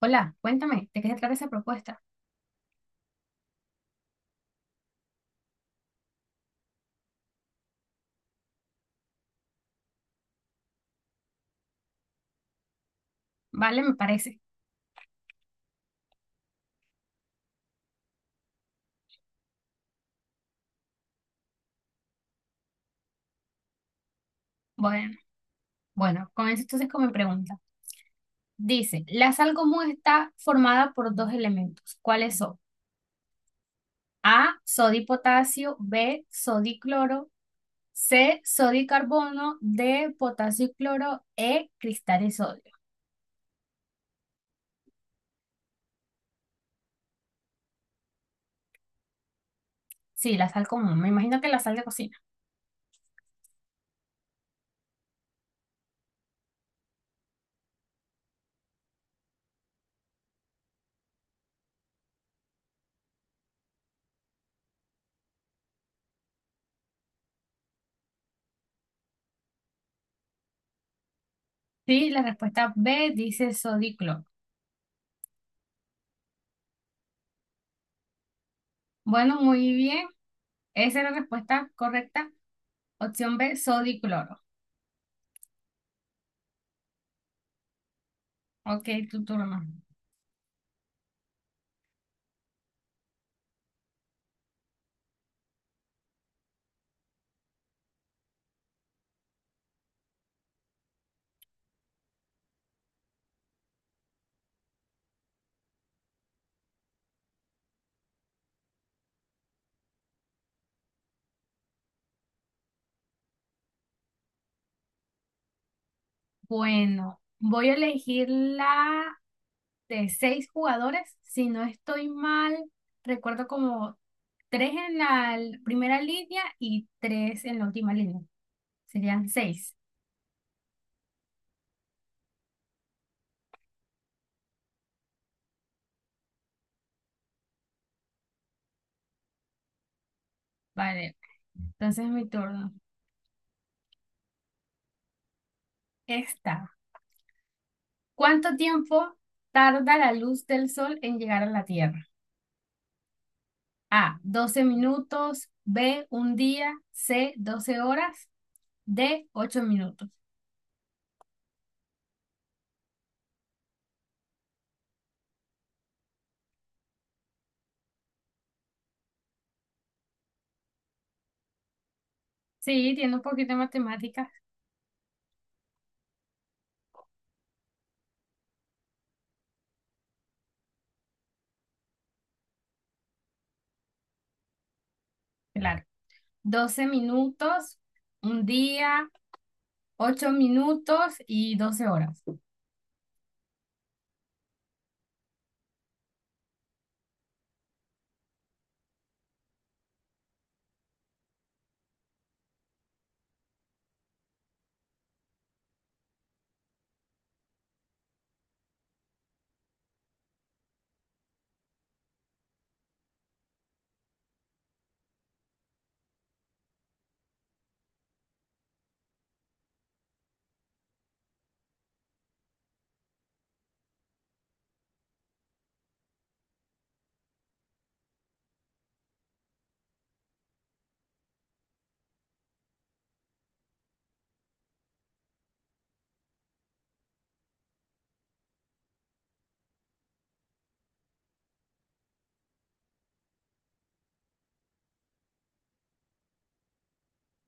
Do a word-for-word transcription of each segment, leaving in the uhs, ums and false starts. Hola, cuéntame, ¿de qué se trata esa propuesta? Vale, me parece. Bueno, bueno, comienzo entonces con mi pregunta. Dice, la sal común está formada por dos elementos. ¿Cuáles son? A, sodio y potasio, B, sodio y cloro, C, sodio y carbono, D, potasio y cloro, E, cristal y sodio. Sí, la sal común. Me imagino que la sal de cocina. Sí, la respuesta B dice sodio y cloro. Bueno, muy bien. Esa es la respuesta correcta. Opción B, sodio y cloro. Ok, tu turno. Bueno, voy a elegir la de seis jugadores. Si no estoy mal, recuerdo como tres en la l- primera línea y tres en la última línea. Serían seis. Vale, entonces mi turno. Esta. ¿Cuánto tiempo tarda la luz del sol en llegar a la Tierra? A, doce minutos, B, un día, C, doce horas, D, ocho minutos. Sí, tiene un poquito de matemáticas. Claro. Doce minutos, un día, ocho minutos y doce horas.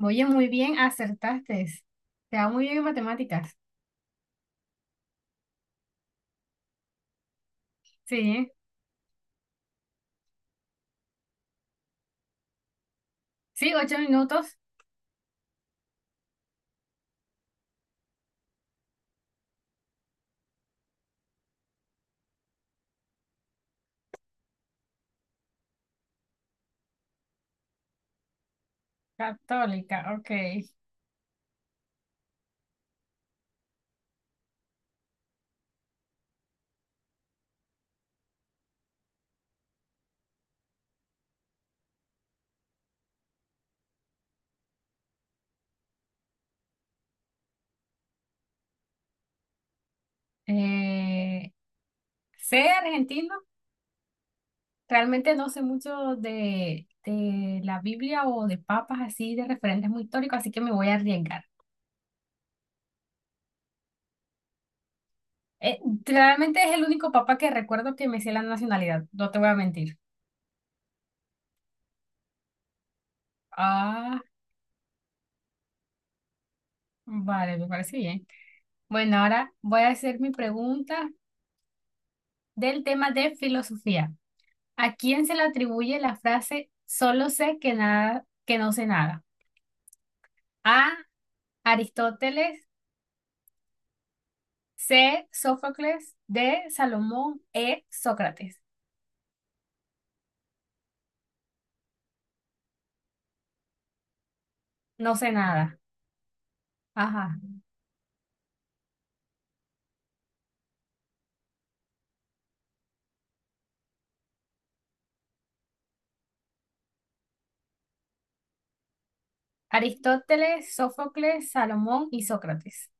Oye, muy bien, acertaste. Te va muy bien en matemáticas. Sí, sí, ocho minutos. Católica, ok. Eh, sé argentino. Realmente no sé mucho de, de la Biblia o de papas así, de referentes muy históricos, así que me voy a arriesgar. Eh, realmente es el único papá que recuerdo que me sé la nacionalidad, no te voy a mentir. Ah, vale, me parece bien. Bueno, ahora voy a hacer mi pregunta del tema de filosofía. ¿A quién se le atribuye la frase solo sé que nada, que no sé nada? A, Aristóteles, C, Sófocles, D, Salomón, E, Sócrates. No sé nada. Ajá. Aristóteles, Sófocles, Salomón y Sócrates.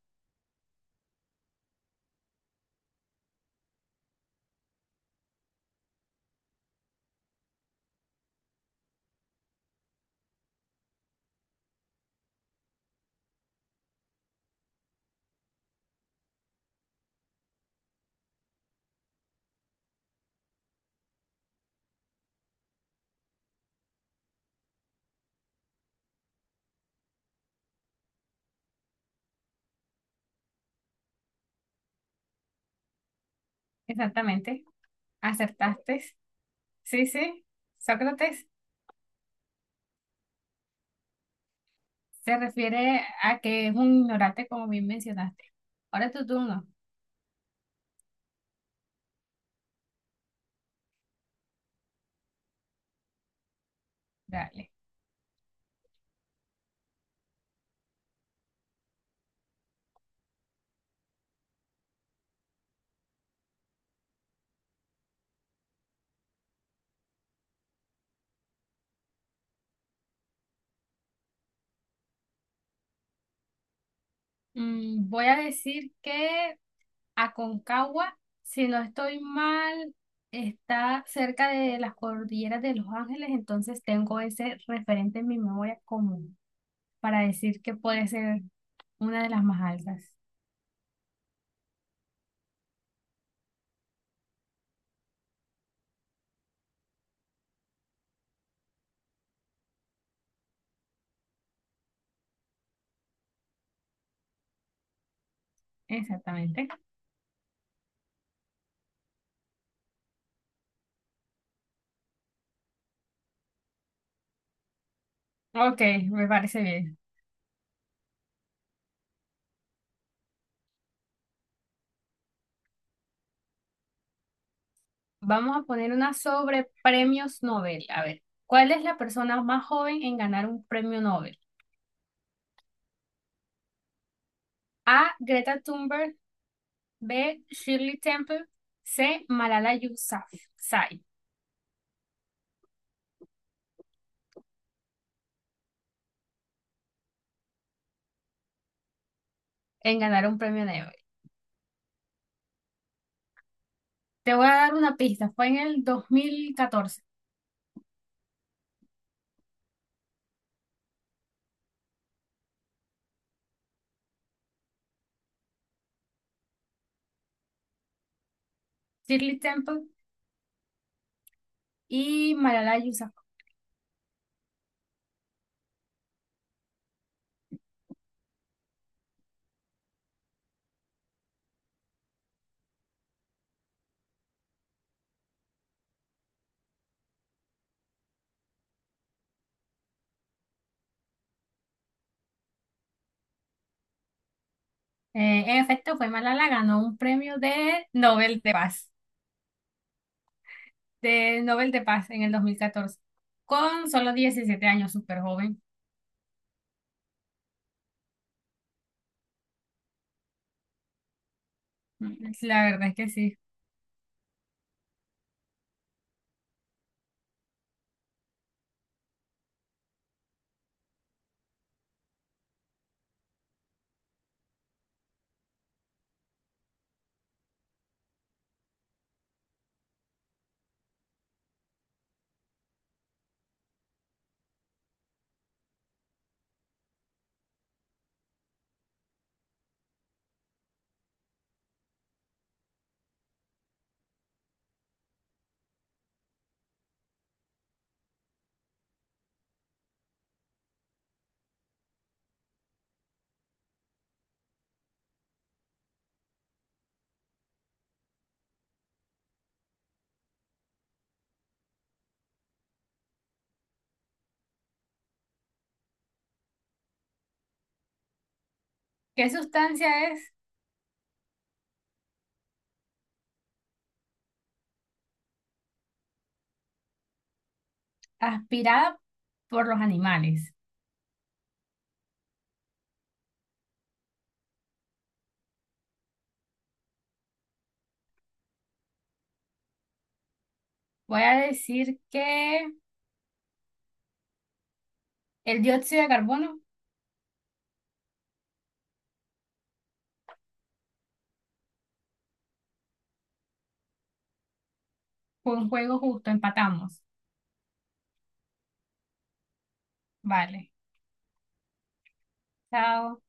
Exactamente. Acertaste. Sí, sí, Sócrates se refiere a que es un ignorante, como bien mencionaste. Ahora tu turno, dale. Mm, voy a decir que Aconcagua, si no estoy mal, está cerca de las cordilleras de Los Ángeles, entonces tengo ese referente en mi memoria común para decir que puede ser una de las más altas. Exactamente. Ok, me parece bien. Vamos a poner una sobre premios Nobel. A ver, ¿cuál es la persona más joven en ganar un premio Nobel? A. Greta Thunberg. B. Shirley Temple. C. Malala Yousafzai en ganar un premio Nobel. Te voy a dar una pista. Fue en el dos mil catorce. Shirley Temple y Malala Yousafzai. Eh, en efecto, fue Malala, ganó un premio de Nobel de Paz, de Nobel de Paz en el dos mil catorce con solo diecisiete años, súper joven. La verdad es que sí. ¿Qué sustancia es aspirada por los animales? Voy a decir que el dióxido de carbono fue un juego justo, empatamos. Vale, chao.